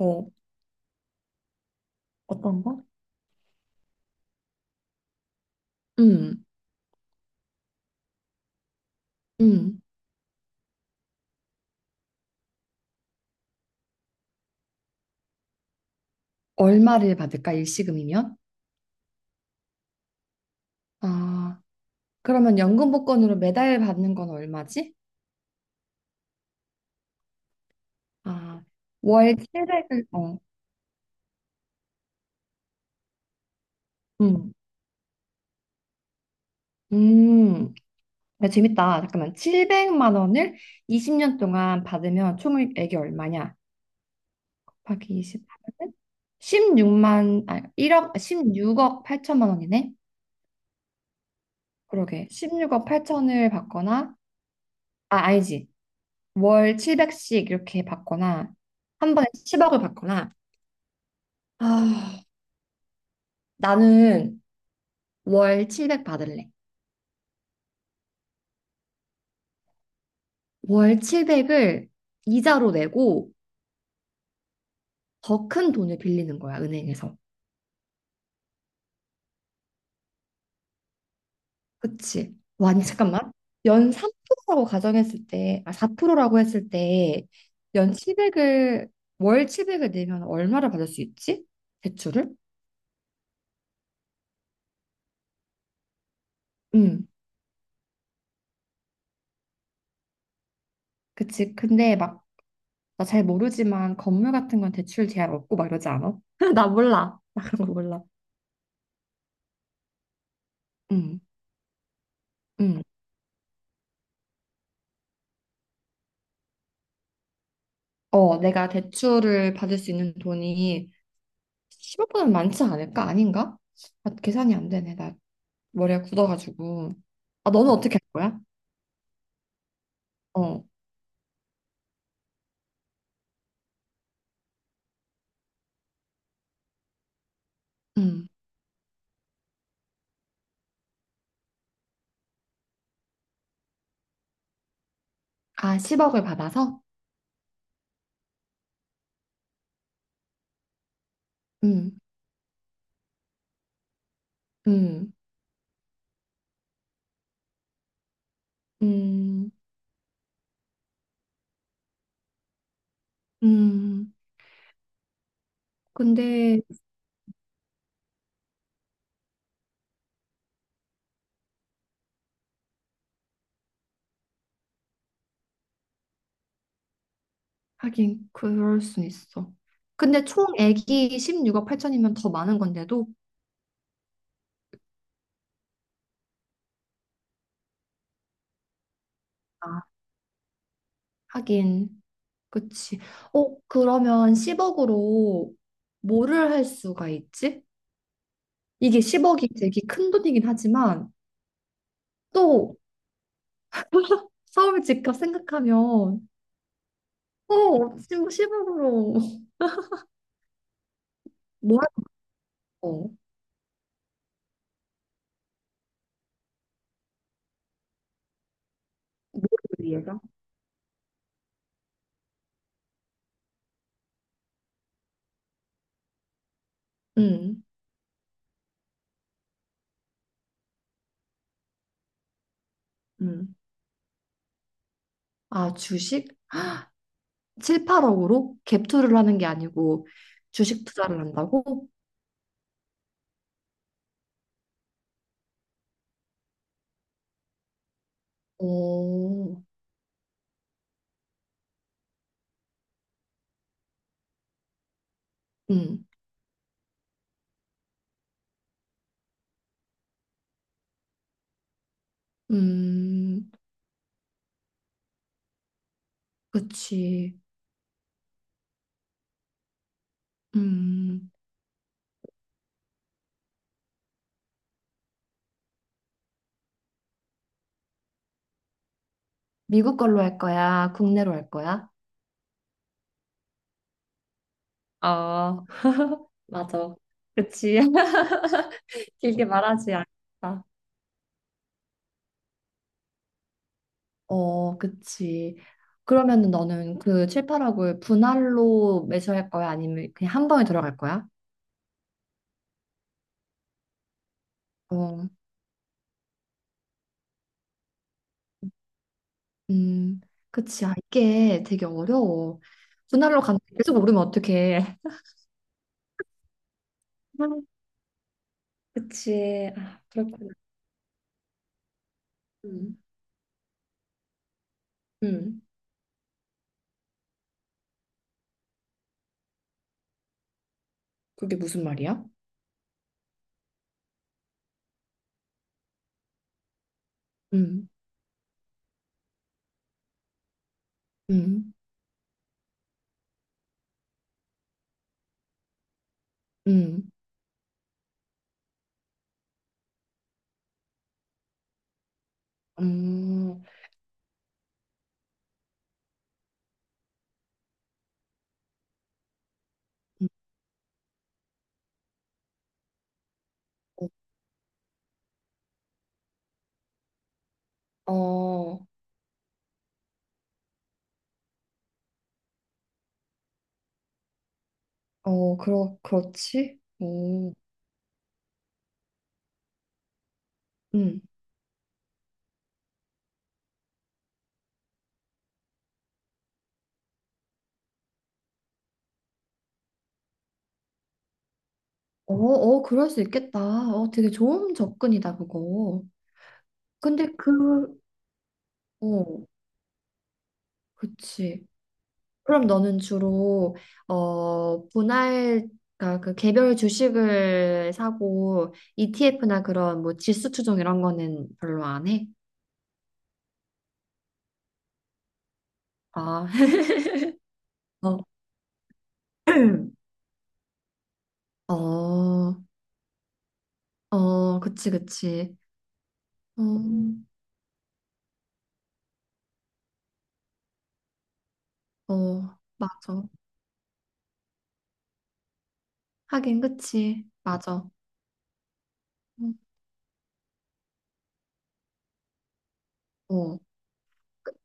어, 어떤 거? 음, 음. 얼마를 받을까? 일시금이면? 아, 그러면 연금 복권으로 매달 받는 건 얼마지? 아, 월 700을, 어, 음, 음. 야, 재밌다. 잠깐만. 700만 원을 20년 동안 받으면 총액이 얼마냐? 곱하기 십8은 16만, 아, 일억 십육억 8천만 원이네? 그러게. 16억 8천을 받거나, 아, 아니지. 월 700씩 이렇게 받거나 한 번에 10억을 받거나 아, 나는 월 700 받을래. 월 700을 이자로 내고 더 큰 돈을 빌리는 거야, 은행에서. 그치? 와, 아니, 잠깐만. 연 3%라고 가정했을 때, 아, 4%라고 했을 때, 연 700을, 월 700을 내면 얼마를 받을 수 있지? 대출을? 응, 그치. 근데 막 나 잘 모르지만 건물 같은 건 대출 제한 없고 막 이러지 않아? 나 몰라. 나 그런 거 몰라. 응, 응. 어, 내가 대출을 받을 수 있는 돈이 10억보다는 많지 않을까? 아닌가? 아, 계산이 안 되네. 나 머리가 굳어가지고. 아, 너는 어떻게 할 거야? 어, 응. 아, 10억을 받아서? 응, 응, 응, 응. 근데 하긴 그럴 순 있어. 근데 총액이 16억 8천이면 더 많은 건데도 아, 하긴. 그치. 어, 그러면 10억으로 뭐를 할 수가 있지? 이게 10억이 되게 큰 돈이긴 하지만 또 서울 집값 생각하면 어, 지금 10억으로 뭐 할 거? 뭐를 위해서? 응, 응. 아, 주식? 7, 8억으로 갭 투자를 하는 게 아니고 주식 투자를 한다고? 오, 응, 음, 그치. 음, 미국 걸로 할 거야? 국내로 할 거야? 아, 맞아. 그치. 길게 말하지 않겠다. 어, 그치. 그러면은 너는 그 7, 8억을 분할로 매수할 거야? 아니면 그냥 한 방에 들어갈 거야? 어, 음, 그치. 아, 이게 되게 어려워. 분할로 가면 계속 오르면 어떡해. 그치. 아, 그렇구나. 음, 음. 그게 무슨 말이야? 음, 음, 음, 음, 음. 어, 어, 그렇지? 오, 음. 어, 어, 그럴 수 있겠다. 어, 되게 좋은 접근이다, 그거. 근데 그, 어, 그치. 그럼 너는 주로, 어, 분할, 그러니까 그 개별 주식을 사고, ETF나 그런 뭐 지수 추종 이런 거는 별로 안 해? 아, 어, 어, 어, 그치, 그치. 어, 어, 맞아. 하긴, 그치. 맞아. 음, 어.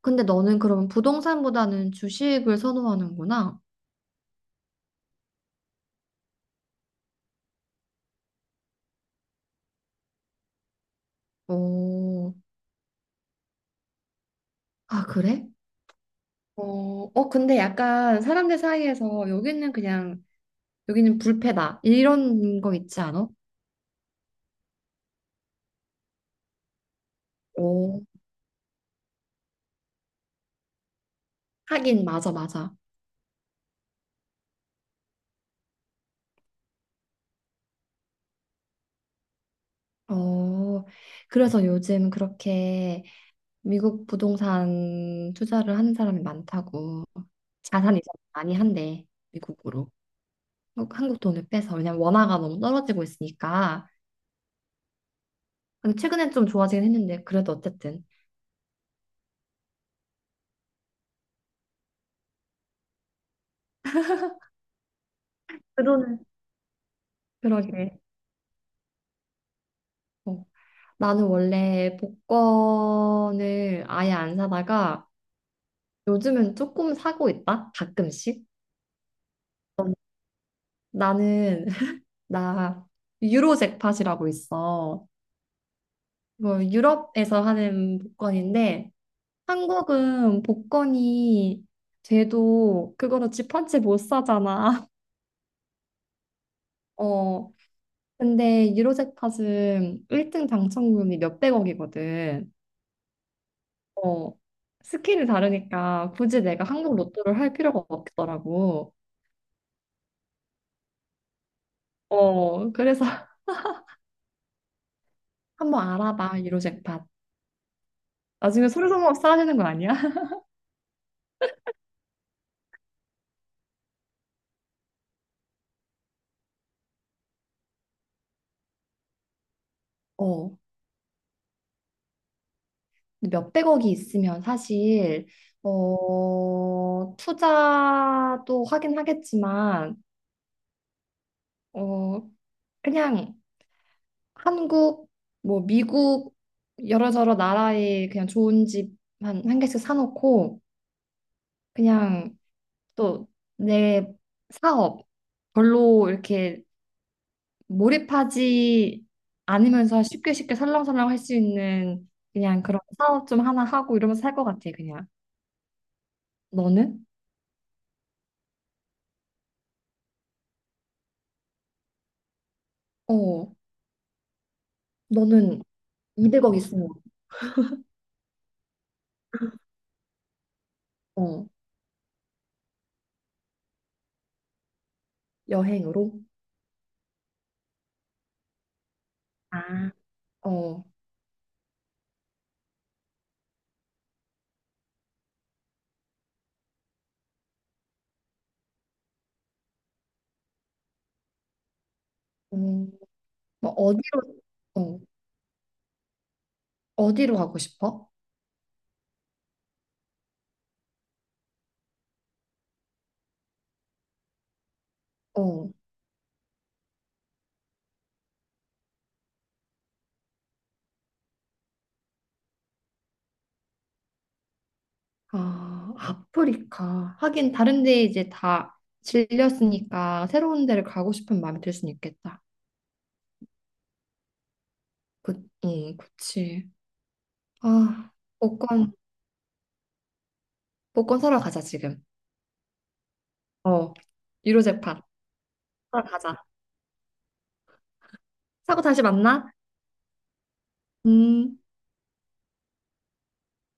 근데 너는 그럼 부동산보다는 주식을 선호하는구나. 오, 아, 그래? 어, 어, 근데 약간 사람들 사이에서 여기는 그냥, 여기는 불패다. 이런 거 있지 않아? 오, 하긴, 맞아, 맞아. 어, 그래서 요즘 그렇게 미국 부동산 투자를 하는 사람이 많다고. 자산 이전 많이 한대, 미국으로. 한국 돈을 빼서. 왜냐면 원화가 너무 떨어지고 있으니까. 근데 최근엔 좀 좋아지긴 했는데, 그래도 어쨌든. 그러네. 그러게. 어. 나는 원래 복권을 아예 안 사다가 요즘은 조금 사고 있다. 가끔씩. 나는 나 유로 잭팟이라고 있어. 이거 유럽에서 하는 복권인데 한국은 복권이 돼도 그거로 집한채 못 사잖아. 어. 근데 유로 잭팟은 1등 당첨금이 몇백억이거든. 어, 스킬이 다르니까 굳이 내가 한국 로또를 할 필요가 없더라고. 어, 그래서 한번 알아봐, 유로잭팟. 나중에 솔선수범 사아지는 거 아니야? 어, 근데 몇백억이 있으면 사실, 어, 투자도 하긴 하겠지만, 어, 그냥 한국, 뭐 미국, 여러저러 나라에 그냥 좋은 집 한 개씩 사놓고, 그냥 또 내 사업, 별로 이렇게 몰입하지 않으면서 쉽게 쉽게 설렁설렁 할 수 있는 그냥 그런 사업 좀 하나 하고 이러면서 살 것 같아, 그냥. 너는? 어, 너는 200억 있으면, 어, 여행으로? 아. 어, 음, 뭐 어디로, 어, 어디로 가고 싶어? 어, 아, 아프리카. 하긴 다른 데 이제 다 질렸으니까 새로운 데를 가고 싶은 마음이 들 수는 있겠다. 그, 응, 그치. 아, 복권, 복권 사러 가자, 지금. 어, 유로재판 하러 가자. 사고 다시 만나? 음.